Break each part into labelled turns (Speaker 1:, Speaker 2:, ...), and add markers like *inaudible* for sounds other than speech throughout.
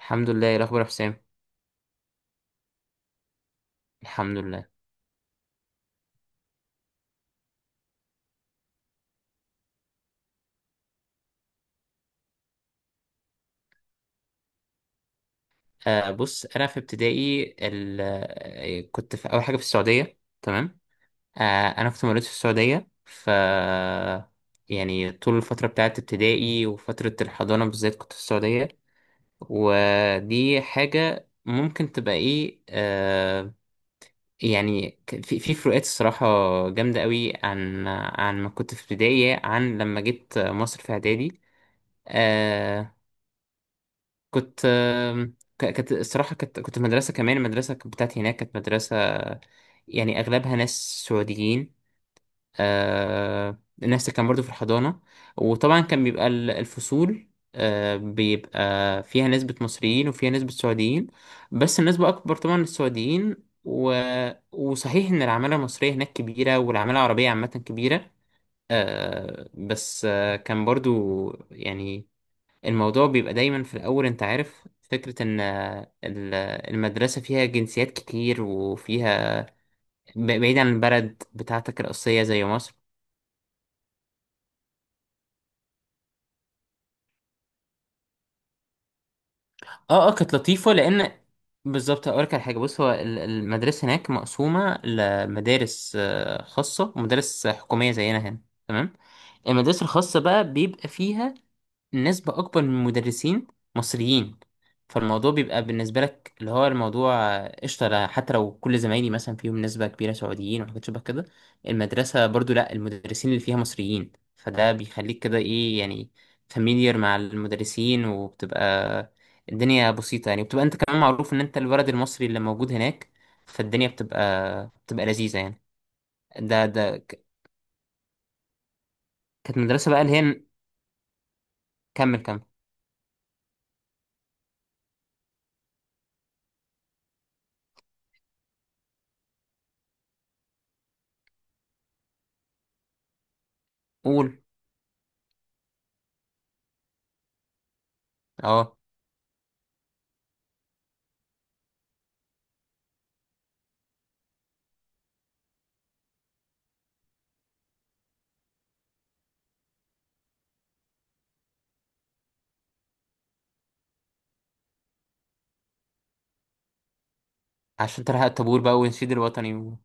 Speaker 1: الحمد لله، ايه الاخبار يا حسام؟ الحمد لله. بص، انا في ابتدائي ال... آه، كنت في اول حاجه في السعوديه. تمام. آه انا كنت مولود في السعوديه. يعني طول الفتره بتاعت ابتدائي وفتره الحضانه بالذات كنت في السعوديه. ودي حاجه ممكن تبقى ايه. يعني في فروقات الصراحه جامده قوي عن ما كنت في ابتدائي، عن لما جيت مصر في اعدادي. آه، كنت كانت الصراحة كنت في مدرسة. كمان المدرسة بتاعتي هناك كانت مدرسة يعني أغلبها ناس سعوديين. الناس اللي كان برضو في الحضانة. وطبعا كان بيبقى الفصول بيبقى فيها نسبة مصريين وفيها نسبة سعوديين، بس النسبة أكبر طبعا للسعوديين و... وصحيح إن العمالة المصرية هناك كبيرة، والعمالة العربية عامة كبيرة. بس كان برضو يعني الموضوع بيبقى دايما في الأول. أنت عارف فكرة إن المدرسة فيها جنسيات كتير وفيها بعيد عن البلد بتاعتك الأصلية زي مصر. اه اه، كانت لطيفة، لأن بالظبط هقولك على حاجة. بص، هو المدرسة هناك مقسومة لمدارس خاصة ومدارس حكومية زينا هنا. تمام. المدارس الخاصة بقى بيبقى فيها نسبة أكبر من المدرسين مصريين فالموضوع بيبقى بالنسبة لك، اللي هو الموضوع قشطة. حتى لو كل زمايلي مثلا فيهم نسبة كبيرة سعوديين وحاجات شبه كده، المدرسة برضو لأ، المدرسين اللي فيها مصريين، فده بيخليك كده إيه يعني فاميليار مع المدرسين، وبتبقى الدنيا بسيطة يعني. بتبقى أنت كمان معروف إن أنت الولد المصري اللي موجود هناك، فالدنيا بتبقى لذيذة يعني. ده ده ك- كانت مدرسة بقى اللي هي… كمل. قول. اه، عشان تلحق الطابور بقى ونشيد الوطني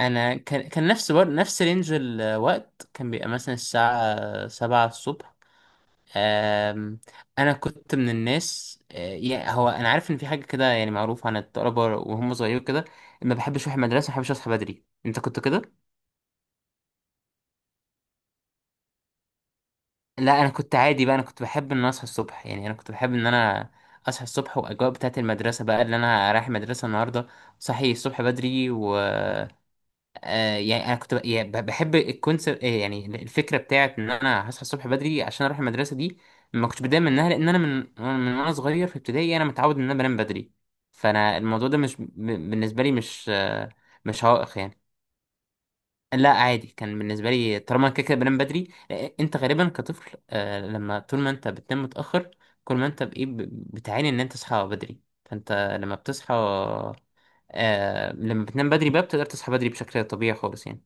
Speaker 1: انا كان نفس نفس رينج الوقت، كان بيبقى مثلا الساعة 7 الصبح. أم... انا كنت من الناس يعني، هو انا عارف ان في حاجة كده يعني معروفة عن الطلبة وهم صغيرين كده، ما بحبش اروح المدرسة، ما بحبش اصحى بدري. انت كنت كده؟ لا، انا كنت عادي بقى. انا كنت بحب ان أنا اصحى الصبح يعني. انا كنت بحب ان انا اصحى الصبح، واجواء بتاعت المدرسة بقى اللي انا رايح المدرسة النهاردة، صحي الصبح بدري يعني انا كنت ب- يعني ب- بحب الكونسبت، يعني الفكره بتاعت ان انا هصحى الصبح بدري عشان اروح المدرسه دي. ما كنتش بتضايق منها، لان انا من وانا صغير في ابتدائي انا متعود ان انا بنام بدري. فانا الموضوع ده مش ب- بالنسبه لي مش آه، مش عائق يعني. لا عادي، كان بالنسبه لي طالما انا كده كده بنام بدري. انت غالبا كطفل، لما طول ما انت بتنام متاخر، كل ما انت بايه ب- بتعاني ان انت تصحى بدري. فانت لما بتصحى، لما بتنام بدري بقى بتقدر تصحى بدري بشكل طبيعي خالص يعني.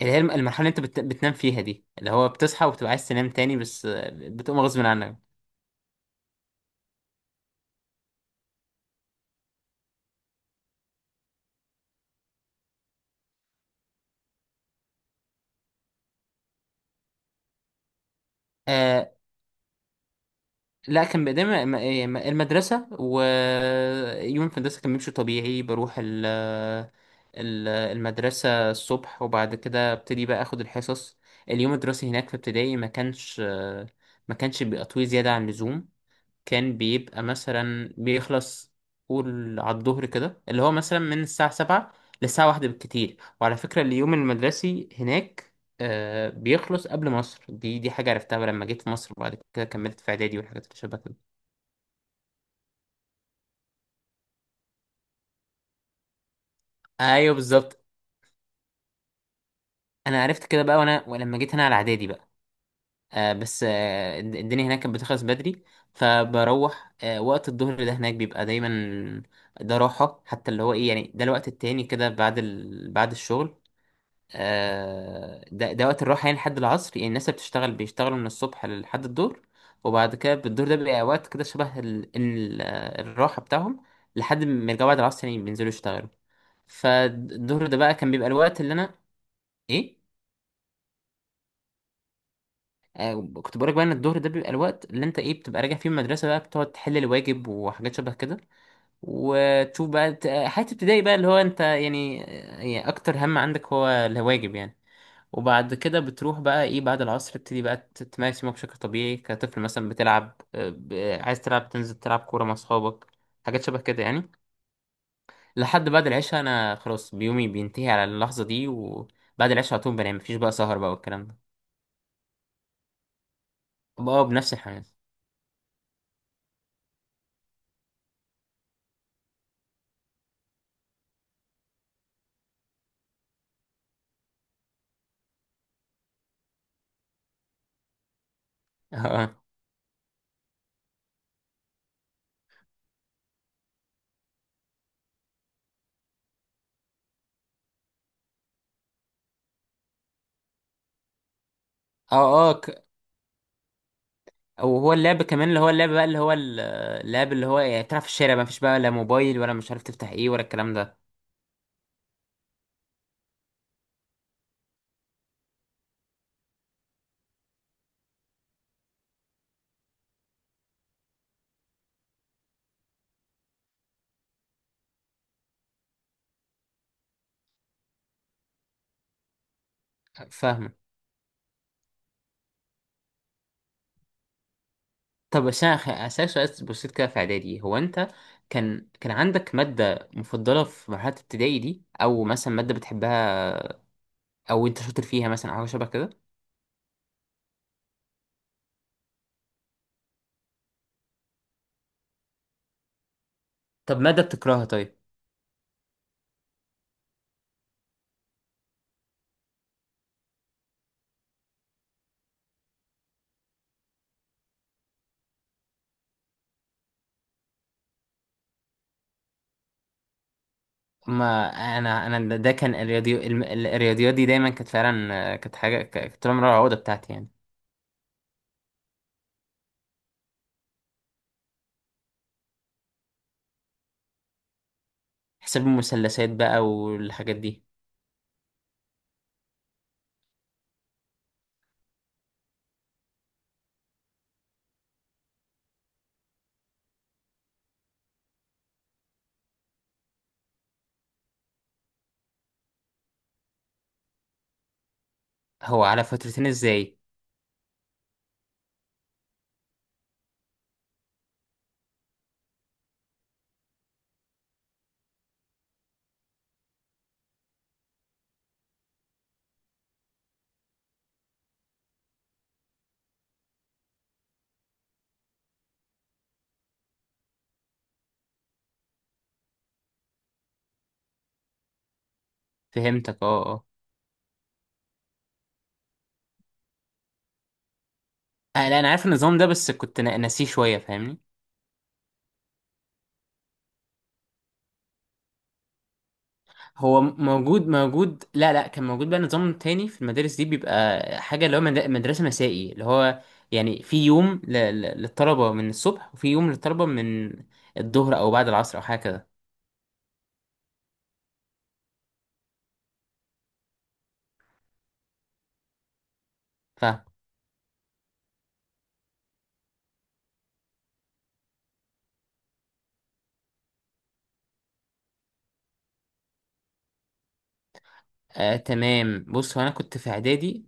Speaker 1: اللي هي المرحلة اللي انت بتنام فيها دي، اللي هو بتصحى وبتبقى عايز تنام تاني، بس بتقوم غصب عنك. آه لا، كان بقدام المدرسة. ويوم في المدرسة كان بيمشي طبيعي، بروح المدرسة الصبح وبعد كده ابتدي بقى اخد الحصص. اليوم الدراسي هناك في ابتدائي ما كانش ما كانش بيبقى طويل زيادة عن اللزوم. كان بيبقى مثلا بيخلص، قول على الظهر كده، اللي هو مثلا من الساعة 7 للساعة 1 بالكتير. وعلى فكرة اليوم المدرسي هناك بيخلص قبل مصر. دي دي حاجة عرفتها لما جيت في مصر، وبعد كده كملت في إعدادي والحاجات اللي شبه كده. أيوه بالظبط. أنا عرفت كده بقى وأنا ولما جيت هنا على إعدادي بقى. بس الدنيا هناك كانت بتخلص بدري. فبروح وقت الظهر ده هناك بيبقى دايما ده راحة حتى، اللي هو إيه يعني، ده الوقت التاني كده بعد بعد الشغل. ده ده وقت الراحة يعني لحد العصر. يعني الناس اللي بتشتغل بيشتغلوا من الصبح لحد الظهر، وبعد كده بالظهر ده بيبقى وقت كده شبه ال... ال... آه، الراحة بتاعهم، لحد ما يرجعوا بعد العصر يعني، بينزلوا يشتغلوا. فالظهر ده بقى كان بيبقى الوقت اللي أنا إيه. كنت بقولك بقى إن الظهر ده بيبقى الوقت اللي أنت إيه بتبقى راجع فيه من المدرسة بقى، بتقعد تحل الواجب وحاجات شبه كده. وتشوف بقى حياة ابتدائي بقى، اللي هو أنت يعني، يعني أكتر هم عندك هو الواجب يعني. وبعد كده بتروح بقى ايه، بعد العصر تبتدي بقى تمارس يومك بشكل طبيعي كطفل، مثلا بتلعب، عايز تلعب، تنزل تلعب كورة مع اصحابك، حاجات شبه كده يعني. لحد بعد العشاء، انا خلاص بيومي بينتهي على اللحظة دي، وبعد العشاء على طول بنام. مفيش بقى سهر بقى والكلام ده. بقى بنفس الحماس. *laughs* اه اه اه. وهو اللعب كمان، اللي هو اللعب بقى اللي هو اللعب، اللي هو يعني تلعب في الشارع بقى، مفيش بقى لا موبايل ولا مش عارف تفتح ايه ولا الكلام ده. فاهمه. طب بس انا هسألك سؤال بسيط كده في اعدادي. هو انت كان عندك مادة مفضلة في مرحلة ابتدائي دي، او مثلا مادة بتحبها او انت شاطر فيها مثلا او حاجة شبه كده؟ طب مادة بتكرهها؟ طيب. ما انا ده ده كان الرياضي الرياضيات دي دايما كانت فعلا، كانت حاجة كانت طول عمرها العقدة بتاعتي يعني. حساب المثلثات بقى والحاجات دي. هو على فترتين ازاي؟ فهمتك، اه اه. لا انا عارف النظام ده، بس كنت ناسيه شوية. فاهمني. هو موجود موجود. لا لا، كان موجود بقى نظام تاني في المدارس دي، بيبقى حاجة اللي هو مدرسة مسائي، اللي هو يعني في يوم للطلبة من الصبح، وفي يوم للطلبة من الظهر أو بعد العصر أو حاجة كده. فاهم. آه تمام. بص هو أنا كنت في إعدادي،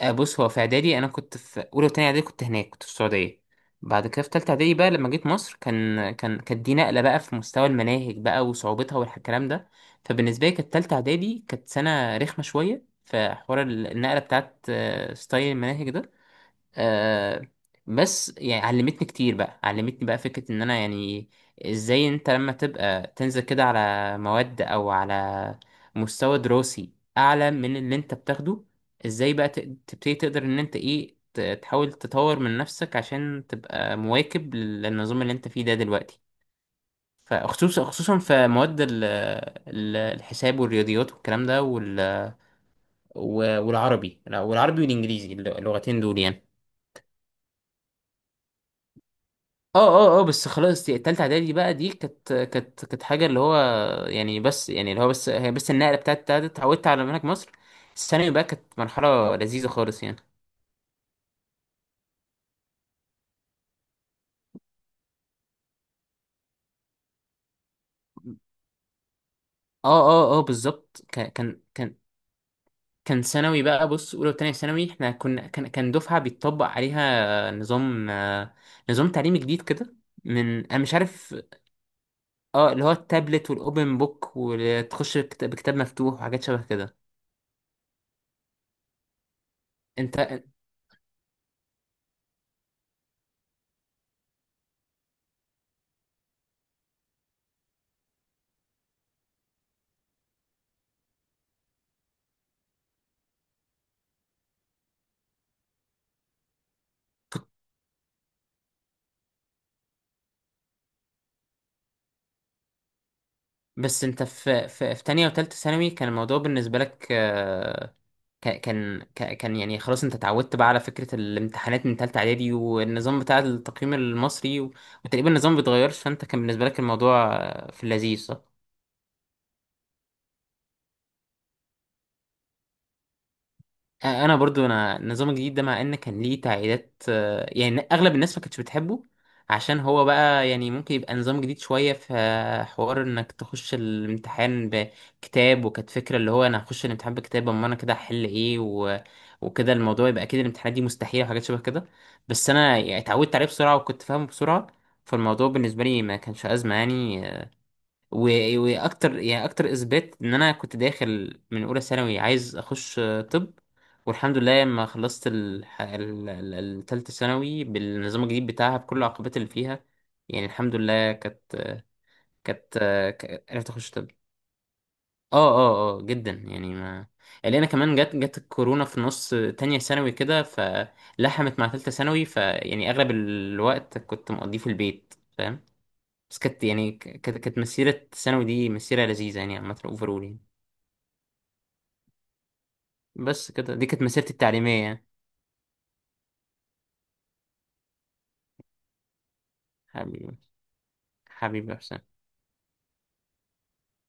Speaker 1: بص هو في اعدادي انا كنت في اولى وتانية اعدادي كنت هناك، كنت في السعوديه. بعد كده في تالتة اعدادي بقى لما جيت مصر، كان كانت دي نقله بقى في مستوى المناهج بقى وصعوبتها والكلام ده. فبالنسبه لي كانت تالتة اعدادي كانت سنه رخمه شويه، في حوار النقله بتاعت، ستايل المناهج ده. آه بس يعني علمتني كتير بقى، علمتني بقى فكرة ان انا يعني ازاي انت لما تبقى تنزل كده على مواد او على مستوى دراسي اعلى من اللي انت بتاخده، ازاي بقى تبتدي تقدر ان انت ايه تحاول تطور من نفسك عشان تبقى مواكب للنظام اللي انت فيه ده دلوقتي. فخصوصا خصوصا في مواد الحساب والرياضيات والكلام ده والعربي. لا، والعربي والانجليزي، اللغتين دول يعني. اه اه اه. بس خلاص التالتة اعدادي بقى دي كانت كانت حاجة اللي هو يعني، بس يعني اللي هو بس هي بس النقلة بتاعت اتعودت على منهج مصر. الثانوي بقى كانت مرحلة لذيذة خالص يعني. اه اه اه، بالظبط. كان كان ثانوي بقى. بص، اولى وتانية ثانوي احنا كنا كان دفعة بيتطبق عليها نظام، نظام تعليمي جديد كده من، انا مش عارف. اه، اللي هو التابلت والاوبن بوك، وتخش بكتاب مفتوح وحاجات شبه كده. انت. بس انت في في، في تانية وتالتة ثانوي كان الموضوع بالنسبة لك كان كان يعني، خلاص انت اتعودت بقى على فكرة الامتحانات من تالتة اعدادي والنظام بتاع التقييم المصري وتقريبا النظام بيتغيرش، فانت كان بالنسبة لك الموضوع في اللذيذ صح؟ انا برضو انا النظام الجديد ده مع ان كان ليه تعقيدات، يعني اغلب الناس ما كانتش بتحبه عشان هو بقى يعني ممكن يبقى نظام جديد شوية، في حوار انك تخش الامتحان بكتاب. وكانت فكرة اللي هو انا هخش الامتحان بكتاب، اما انا كده هحل ايه وكده، الموضوع يبقى اكيد الامتحانات دي مستحيلة وحاجات شبه كده. بس انا يعني اتعودت عليه بسرعة وكنت فاهمه بسرعة، فالموضوع بالنسبة لي ما كانش أزمة يعني. واكتر يعني اكتر اثبات ان انا كنت داخل من اولى ثانوي عايز اخش طب. والحمد لله، لما خلصت التالتة ثانوي بالنظام الجديد بتاعها بكل العقبات اللي فيها، يعني الحمد لله كانت كانت عرفت اخش طب. اه اه اه، جدا يعني. ما اللي انا كمان جت الكورونا في نص تانية ثانوي كده، فلحمت مع تالتة ثانوي. فيعني اغلب الوقت كنت مقضيه في البيت، فاهم. بس كانت يعني كانت مسيرة ثانوي دي مسيرة لذيذة يعني عامة، اوفرول يعني. بس كده، دي كانت مسيرتي التعليمية يعني. حبيبي. حبيبي يا حسام.